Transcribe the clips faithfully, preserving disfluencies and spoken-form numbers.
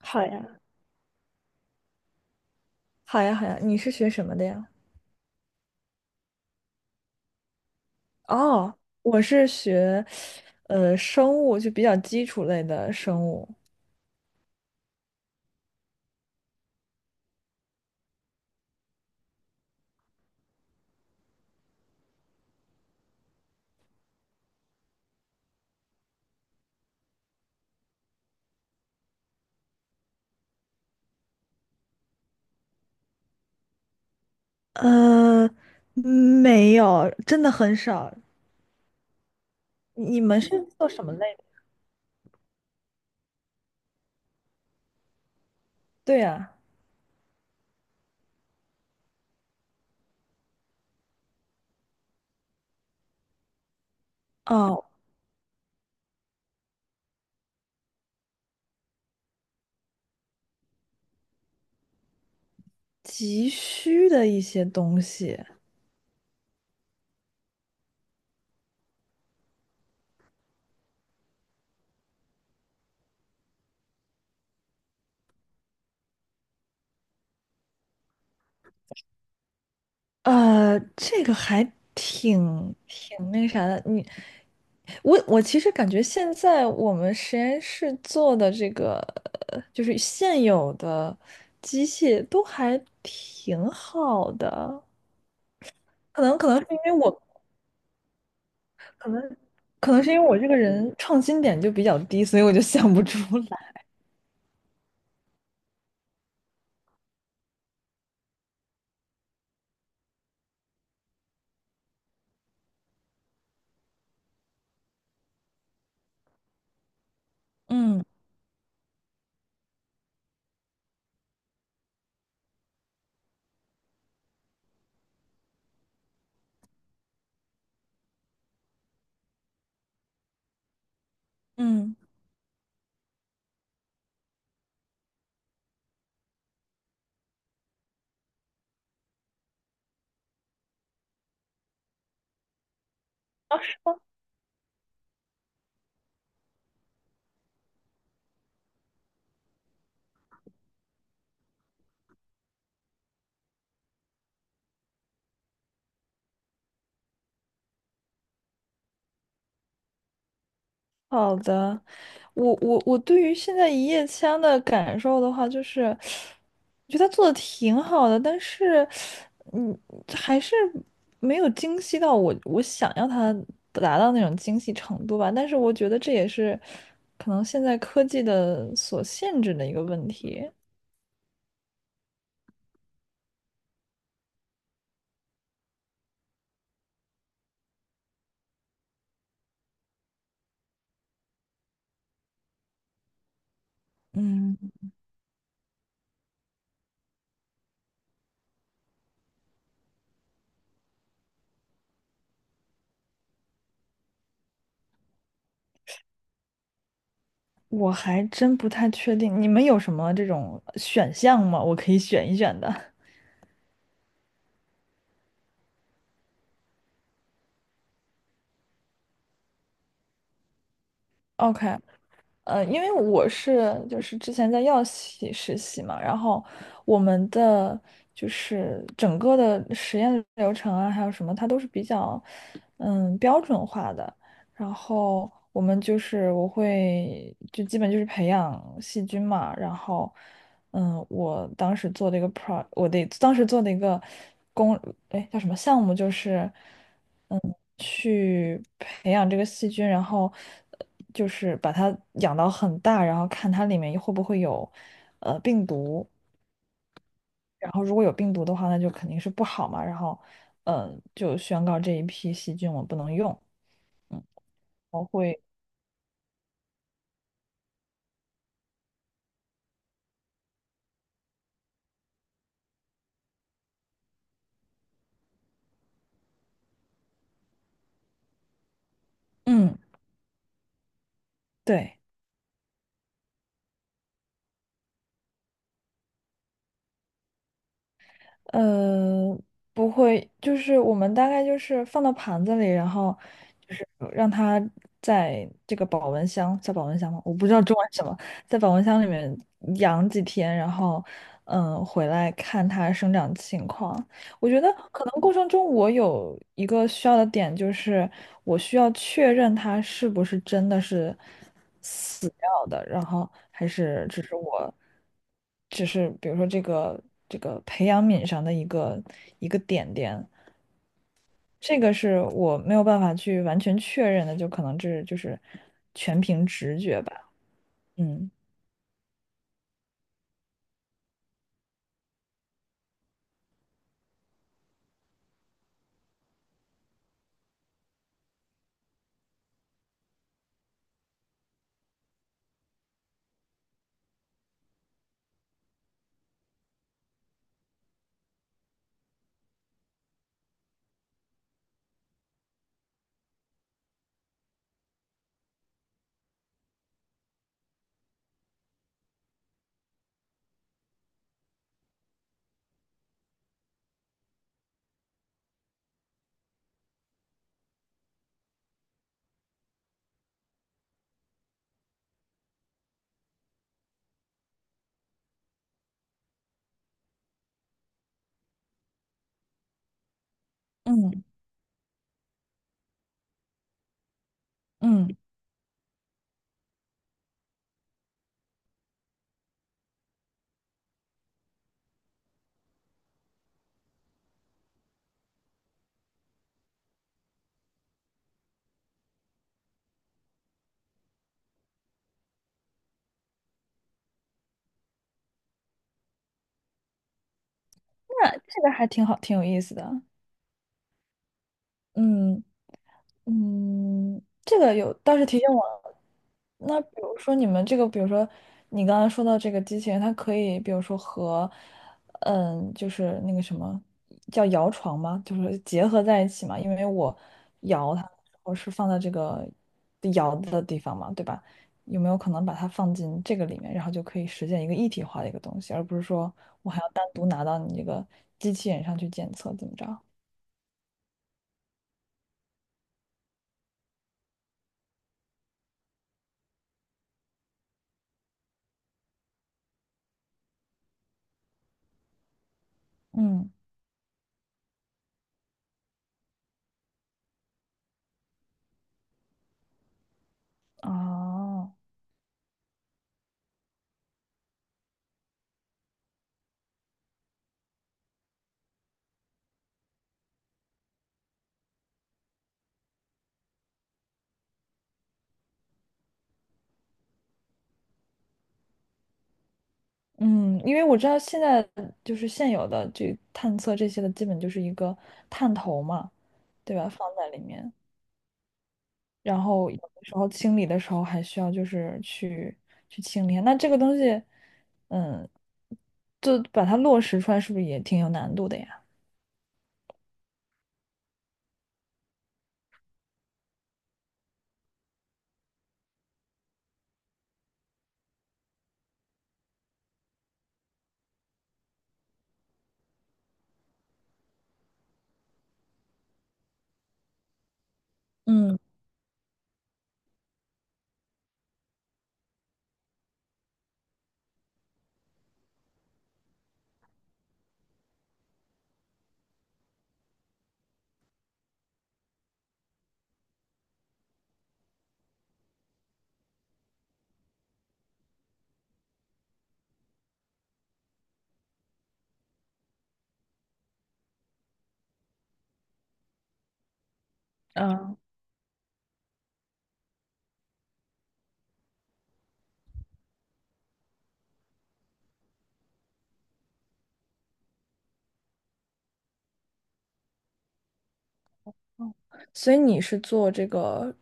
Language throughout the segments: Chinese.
好呀，好呀，好呀，你是学什么的呀？哦，我是学，呃，生物，就比较基础类的生物。呃，没有，真的很少。你们是做什么类的？对呀。哦，急需的一些东西。呃，这个还挺挺那啥的。你，我我其实感觉现在我们实验室做的这个，呃就是现有的机械都还挺好的。可能可能是因为我，可能是因为我这个人创新点就比较低，所以我就想不出来。嗯嗯，好的。我我我对于现在一夜枪的感受的话，就是。我觉得他做的挺好的，但是，嗯，还是没有精细到我我想要他达到那种精细程度吧。但是我觉得这也是可能现在科技的所限制的一个问题。嗯，我还真不太确定，你们有什么这种选项吗？我可以选一选的。OK，呃，因为我是就是之前在药企实习嘛，然后我们的就是整个的实验流程啊，还有什么，它都是比较嗯标准化的。然后我们就是我会就基本就是培养细菌嘛，然后嗯，我当时做的一个 pro，我的当时做的一个工，哎叫什么项目就是。嗯，去培养这个细菌，然后呃就是把它养到很大，然后看它里面会不会有呃病毒，然后如果有病毒的话，那就肯定是不好嘛，然后嗯，就宣告这一批细菌我不能用，我会嗯对。嗯，不会，就是我们大概就是放到盘子里，然后就是让它在这个保温箱，在保温箱吗？我不知道中文是什么，在保温箱里面养几天，然后嗯，回来看它生长情况。我觉得可能过程中我有一个需要的点，就是我需要确认他是不是真的是死掉的，然后还是只是我，只是比如说这个这个培养皿上的一个一个点点，这个是我没有办法去完全确认的，就可能这就是全凭直觉吧。嗯嗯嗯，那这个还挺好，挺有意思的。嗯。嗯，这个有倒是提醒我了。那比如说你们这个，比如说你刚刚说到这个机器人，它可以比如说和，嗯，就是那个什么叫摇床吗？就是结合在一起嘛。因为我摇它我是放在这个摇的地方嘛，对吧？有没有可能把它放进这个里面，然后就可以实现一个一体化的一个东西，而不是说我还要单独拿到你这个机器人上去检测，怎么着？嗯，哦。嗯，因为我知道现在就是现有的这探测这些的，基本就是一个探头嘛，对吧？放在里面，然后有的时候清理的时候还需要就是去去清理。那这个东西，嗯，就把它落实出来，是不是也挺有难度的呀？嗯嗯，所以你是做这个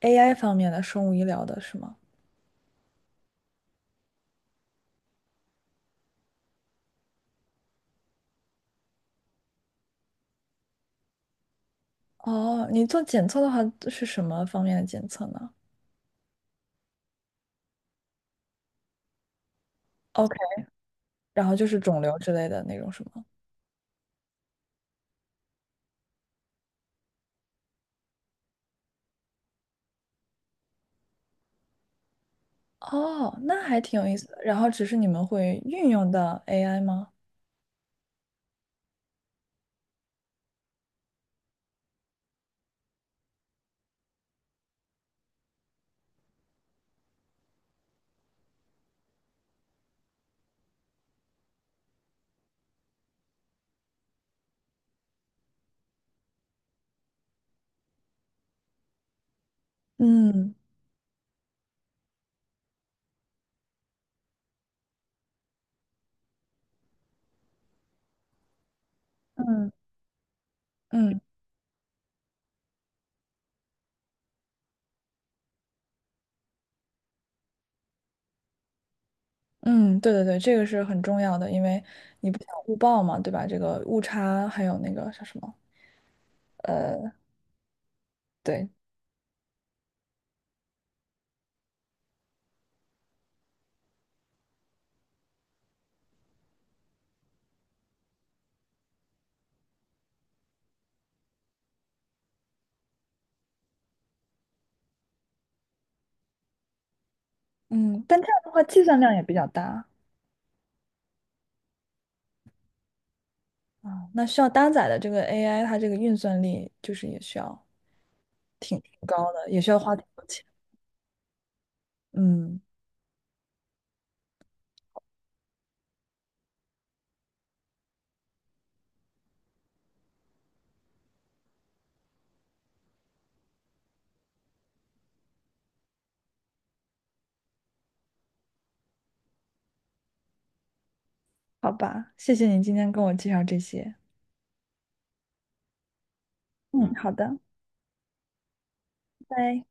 A I 方面的生物医疗的是吗？哦，你做检测的话是什么方面的检测呢？OK，然后就是肿瘤之类的那种是吗？哦，那还挺有意思的。然后只是你们会运用到 A I 吗？嗯嗯嗯嗯，对对对，这个是很重要的，因为你不想误报嘛，对吧？这个误差还有那个叫什么？对，嗯，但这样的话计算量也比较大啊，那需要搭载的这个 A I，它这个运算力就是也需要挺高的，也需要花挺多钱。嗯，好吧，谢谢你今天跟我介绍这些。嗯，好的，拜拜。